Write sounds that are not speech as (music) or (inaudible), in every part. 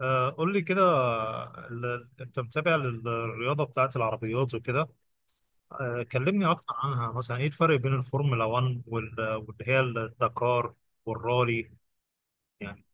آه، قول لي كده. انت متابع للرياضه بتاعت العربيات وكده. آه، كلمني اكتر عنها مثلا ايه الفرق بين الفورمولا 1 واللي هي الدكار والرالي يعني.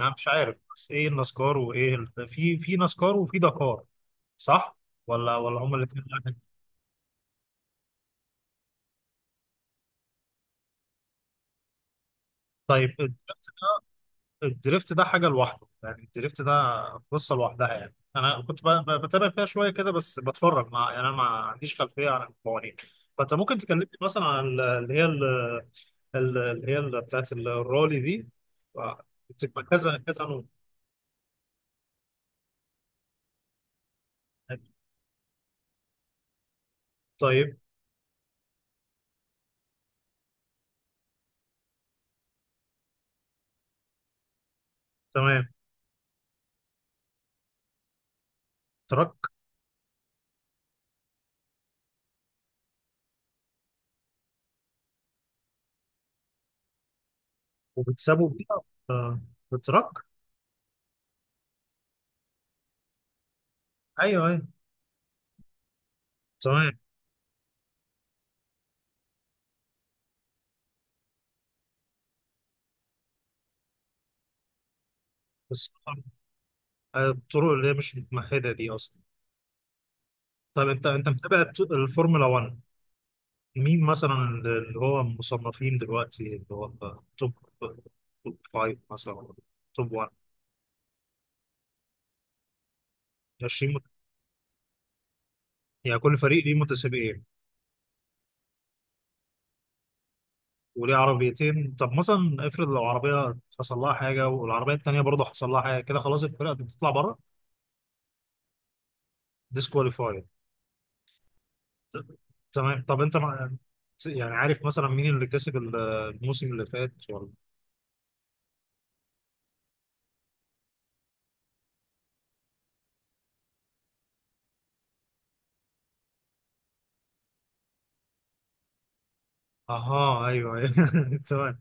انا مش عارف، بس ايه النسكار وايه في نسكار وفي دكار، صح؟ ولا هما الاثنين واحد؟ طيب. الدريفت ده حاجة لوحده، يعني الدريفت ده قصة لوحدها. يعني أنا كنت بتابع فيها شوية كده، بس بتفرج مع يعني. أنا ما عنديش خلفية عن القوانين. فأنت ممكن تكلمني مثلا عن اللي هي اللي هي بتاعت الرالي دي. بتبقى كذا كذا نوع. طيب تمام. تراك، وبتسابوا بيها؟ آه، بالتراك. أيوه أيوه تمام، بس آه، الطرق اللي هي مش متمهدة دي أصلا. طيب، أنت متابع الفورمولا 1. مين مثلا اللي هو مصنفين دلوقتي، اللي هو توب توب فايف مثلا ولا توب 1؟ 20. يعني كل فريق ليه متسابقين، وليه عربيتين؟ طب مثلا افرض لو عربية حصل لها حاجة والعربية التانية برضه حصل لها حاجة، كده خلاص الفرقة دي بتطلع بره؟ ديسكواليفاي. تمام. طب انت مع... يعني عارف مثلا مين اللي كسب الموسم اللي فات ولا؟ اها، ايوه أيوة. (laughs) تمام.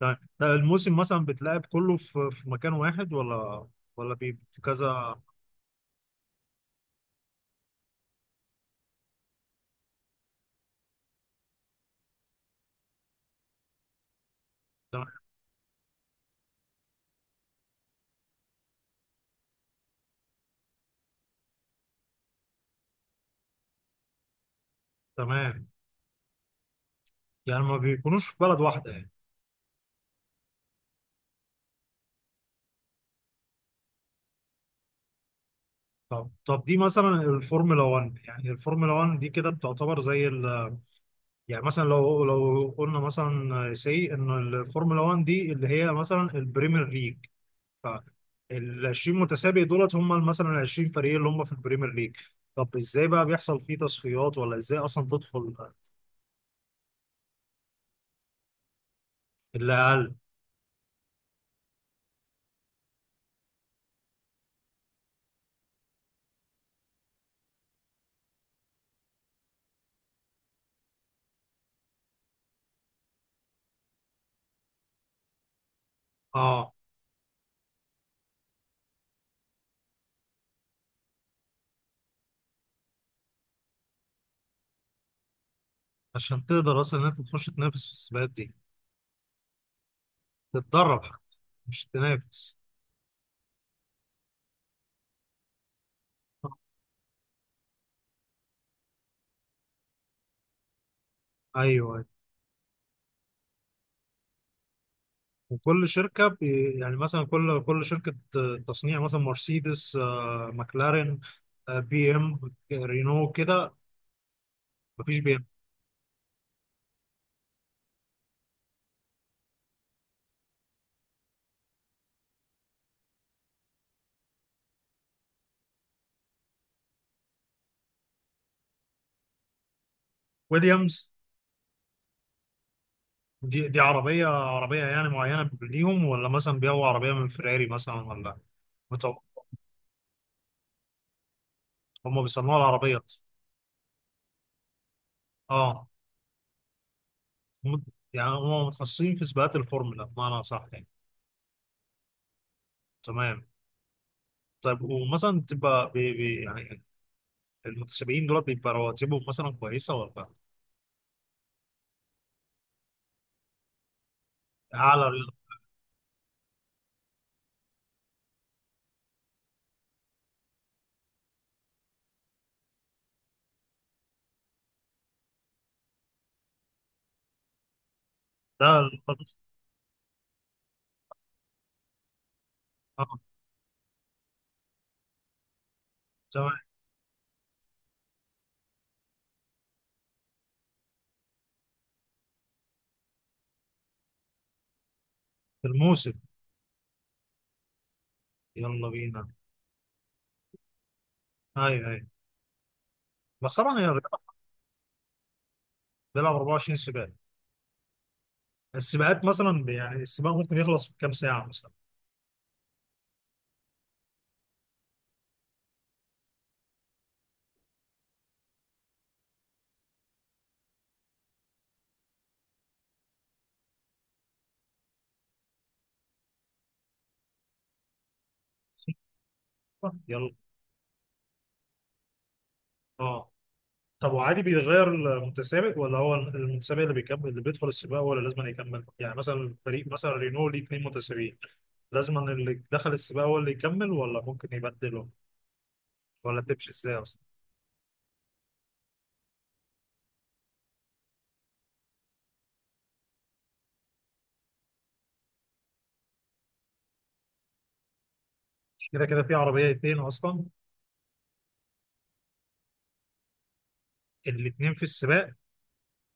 تمام. طب الموسم مثلا بتلعب كله في مكان واحد ولا؟ ولا في كذا. تم- تمام. يعني ما بيكونوش في بلد واحدة يعني. طب دي مثلا الفورمولا 1. يعني الفورمولا 1 دي كده بتعتبر زي ال، يعني مثلا، لو قلنا مثلا سي ان الفورمولا 1 دي اللي هي مثلا البريمير ليج. ف، ال 20 متسابق دولت هم مثلا ال 20 فريق اللي هم في البريمير ليج. طب ازاي بقى بيحصل فيه تصفيات، ولا ازاي اصلا تدخل؟ اللي اقل. اه. عشان تقدر اصلا ان انت تخش تنافس في السباقات دي. تتدرب حتى. مش تنافس. ايوه أيوه. وكل شركة بي يعني، مثلا كل شركة تصنيع، مثلا مرسيدس، آه، ماكلارين، آه، بي ام، رينو كده. مفيش بي ام. ويليامز. دي عربية عربية يعني معينة ليهم، ولا مثلا بيبيعوا عربية من فيراري مثلا ولا؟ بتوع- هم بيصنعوا العربية أصلا. اه. هم- يعني هم متخصصين في سباقات الفورمولا بمعنى صح يعني. تمام. طيب، ومثلا تبقى بي يعني المتسابقين دول بيبقى رواتبهم مثلا كويسة ولا؟ أعلى. ده. تمام. في الموسم. يلا بينا. ايوه ايوه. بس طبعا هي الرياضه. بيلعب 24 سباق. السباقات مثلا يعني السباق ممكن يخلص في كام ساعه مثلا؟ يلا. اه. طب وعادي بيتغير المتسابق، ولا هو المتسابق اللي بيكمل، اللي بيدخل السباق هو اللي لازم يكمل؟ يعني مثلا الفريق مثلا رينو ليه اثنين متسابقين. لازم اللي دخل السباق هو اللي يكمل ولا ممكن يبدله؟ ولا تمشي ازاي اصلا؟ مش كده كده في عربيه اتنين اصلا. الاتنين في السباق.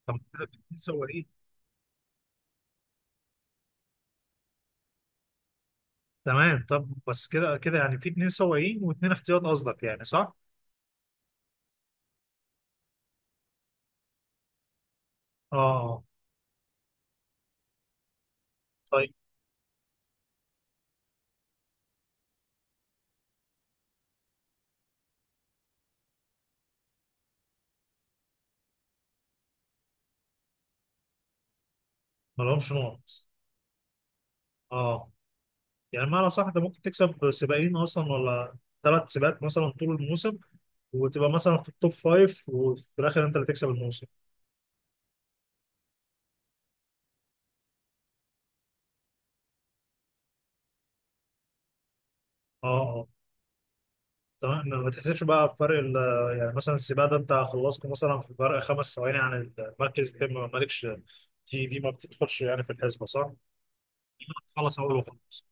طب كده في اتنين سواقين. تمام. طب بس كده كده يعني في اتنين سواقين واتنين احتياط قصدك، يعني صح؟ اه آه. طيب. مالهمش نقط. اه. يعني معنى صح ده ممكن تكسب سباقين اصلا ولا ثلاث سباقات مثلا طول الموسم وتبقى مثلا في التوب فايف وفي الاخر انت اللي تكسب الموسم؟ اه اه. تمام. ما بتحسبش بقى فرق يعني مثلا السباق ده انت خلصته مثلا في فرق خمس ثواني عن المركز التاني ما مالكش. دي ما بتدخلش يعني في الحسبه صح؟ خلص اول وخلاص.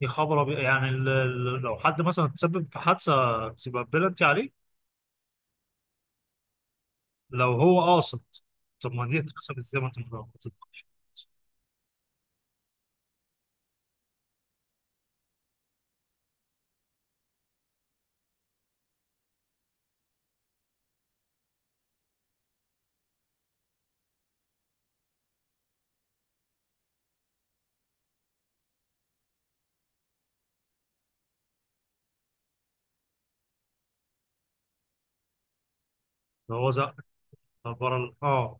يا خبر أبيض. يعني لو حد مثلا تسبب في حادثه بتبقى بلنتي عليه؟ لو هو قاصد. طب ما دي تتحسب ازاي ما انت مش قاصد؟ لو هو زق بره اه.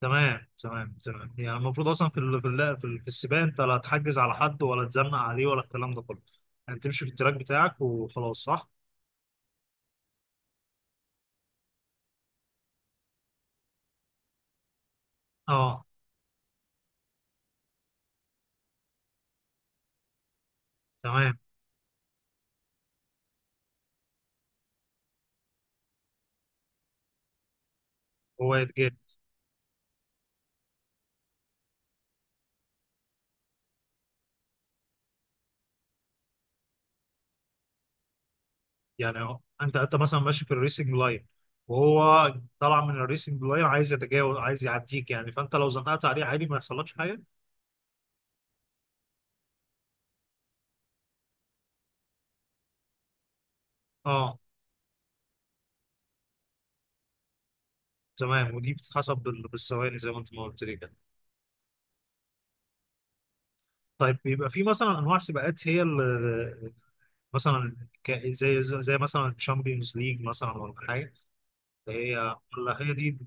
تمام تمام تمام. يعني المفروض اصلا في السباق انت لا تحجز على حد ولا تزنق عليه ولا الكلام ده كله. يعني تمشي في التراك بتاعك وخلاص صح؟ اه تمام. هو يتجاهل. يعني اه انت مثلا ماشي في الريسنج لاين، وهو طالع من الريسنج لاين عايز يتجاوز، عايز يعديك يعني. فانت لو زنقت عليه عادي ما يحصلكش حاجه. اه تمام. ودي بتتحسب بالثواني زي ما انت ما قلت لي كده. طيب، بيبقى في مثلا انواع سباقات هي اللي مثلا، زي مثلا تشامبيونز ليج مثلا ولا حاجه؟ هي. ولا هي دي؟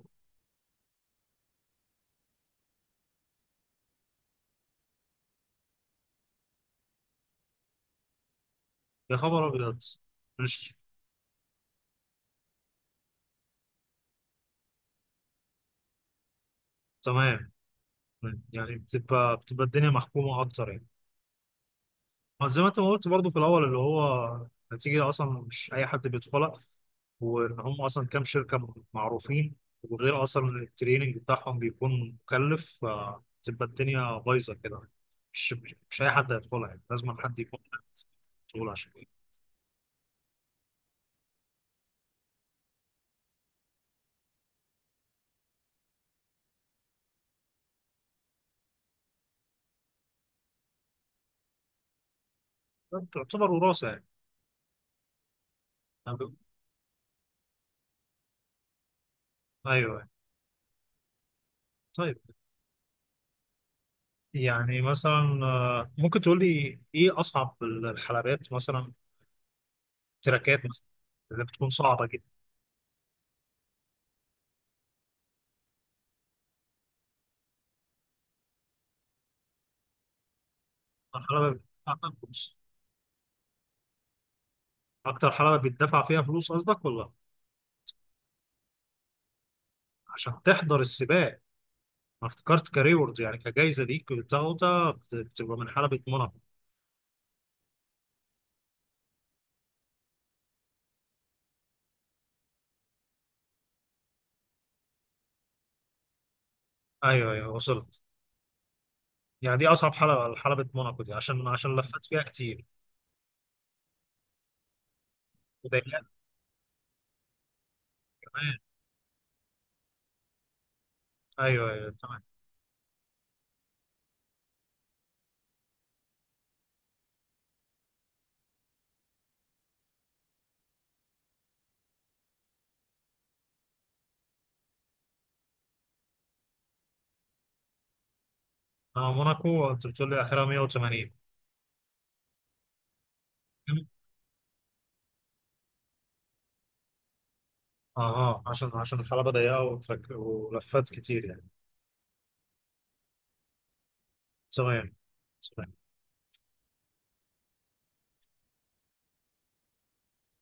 يا خبر ابيض. مش. تمام. يعني بتبقى الدنيا محكومه اكتر يعني. ما زي ما انت ما قلت برضه في الاول اللي هو، نتيجه اصلا مش اي حد بيدخلها، وان هم اصلا كام شركه معروفين، وغير اصلا التريننج بتاعهم بيكون مكلف فتبقى الدنيا بايظه كده. مش. مش اي حد هيدخلها يعني، لازم حد يكون مسؤول عشان. كده تعتبر وراثه يعني. ايوه أيوة. طيب، يعني مثلا آه، ممكن تقول لي ايه اصعب الحلبات مثلا، تراكات مثلا اللي بتكون صعبه جدا؟ الحلبه. اكتر حلبة بيدفع فيها فلوس قصدك ولا؟ عشان تحضر السباق. انا افتكرت كريورد يعني كجايزة ليك بتاخدها بتبقى من حلبة موناكو. ايوه ايوه وصلت. يعني دي اصعب حلبة، حلبة موناكو دي، عشان لفت فيها كتير. وضيقت كمان. ايوه ايوه تمام. اه موناكو انت بتقول لي اخرها 180؟ اه اه عشان الحلبة ضيقة، ولفت كتير يعني. تمام.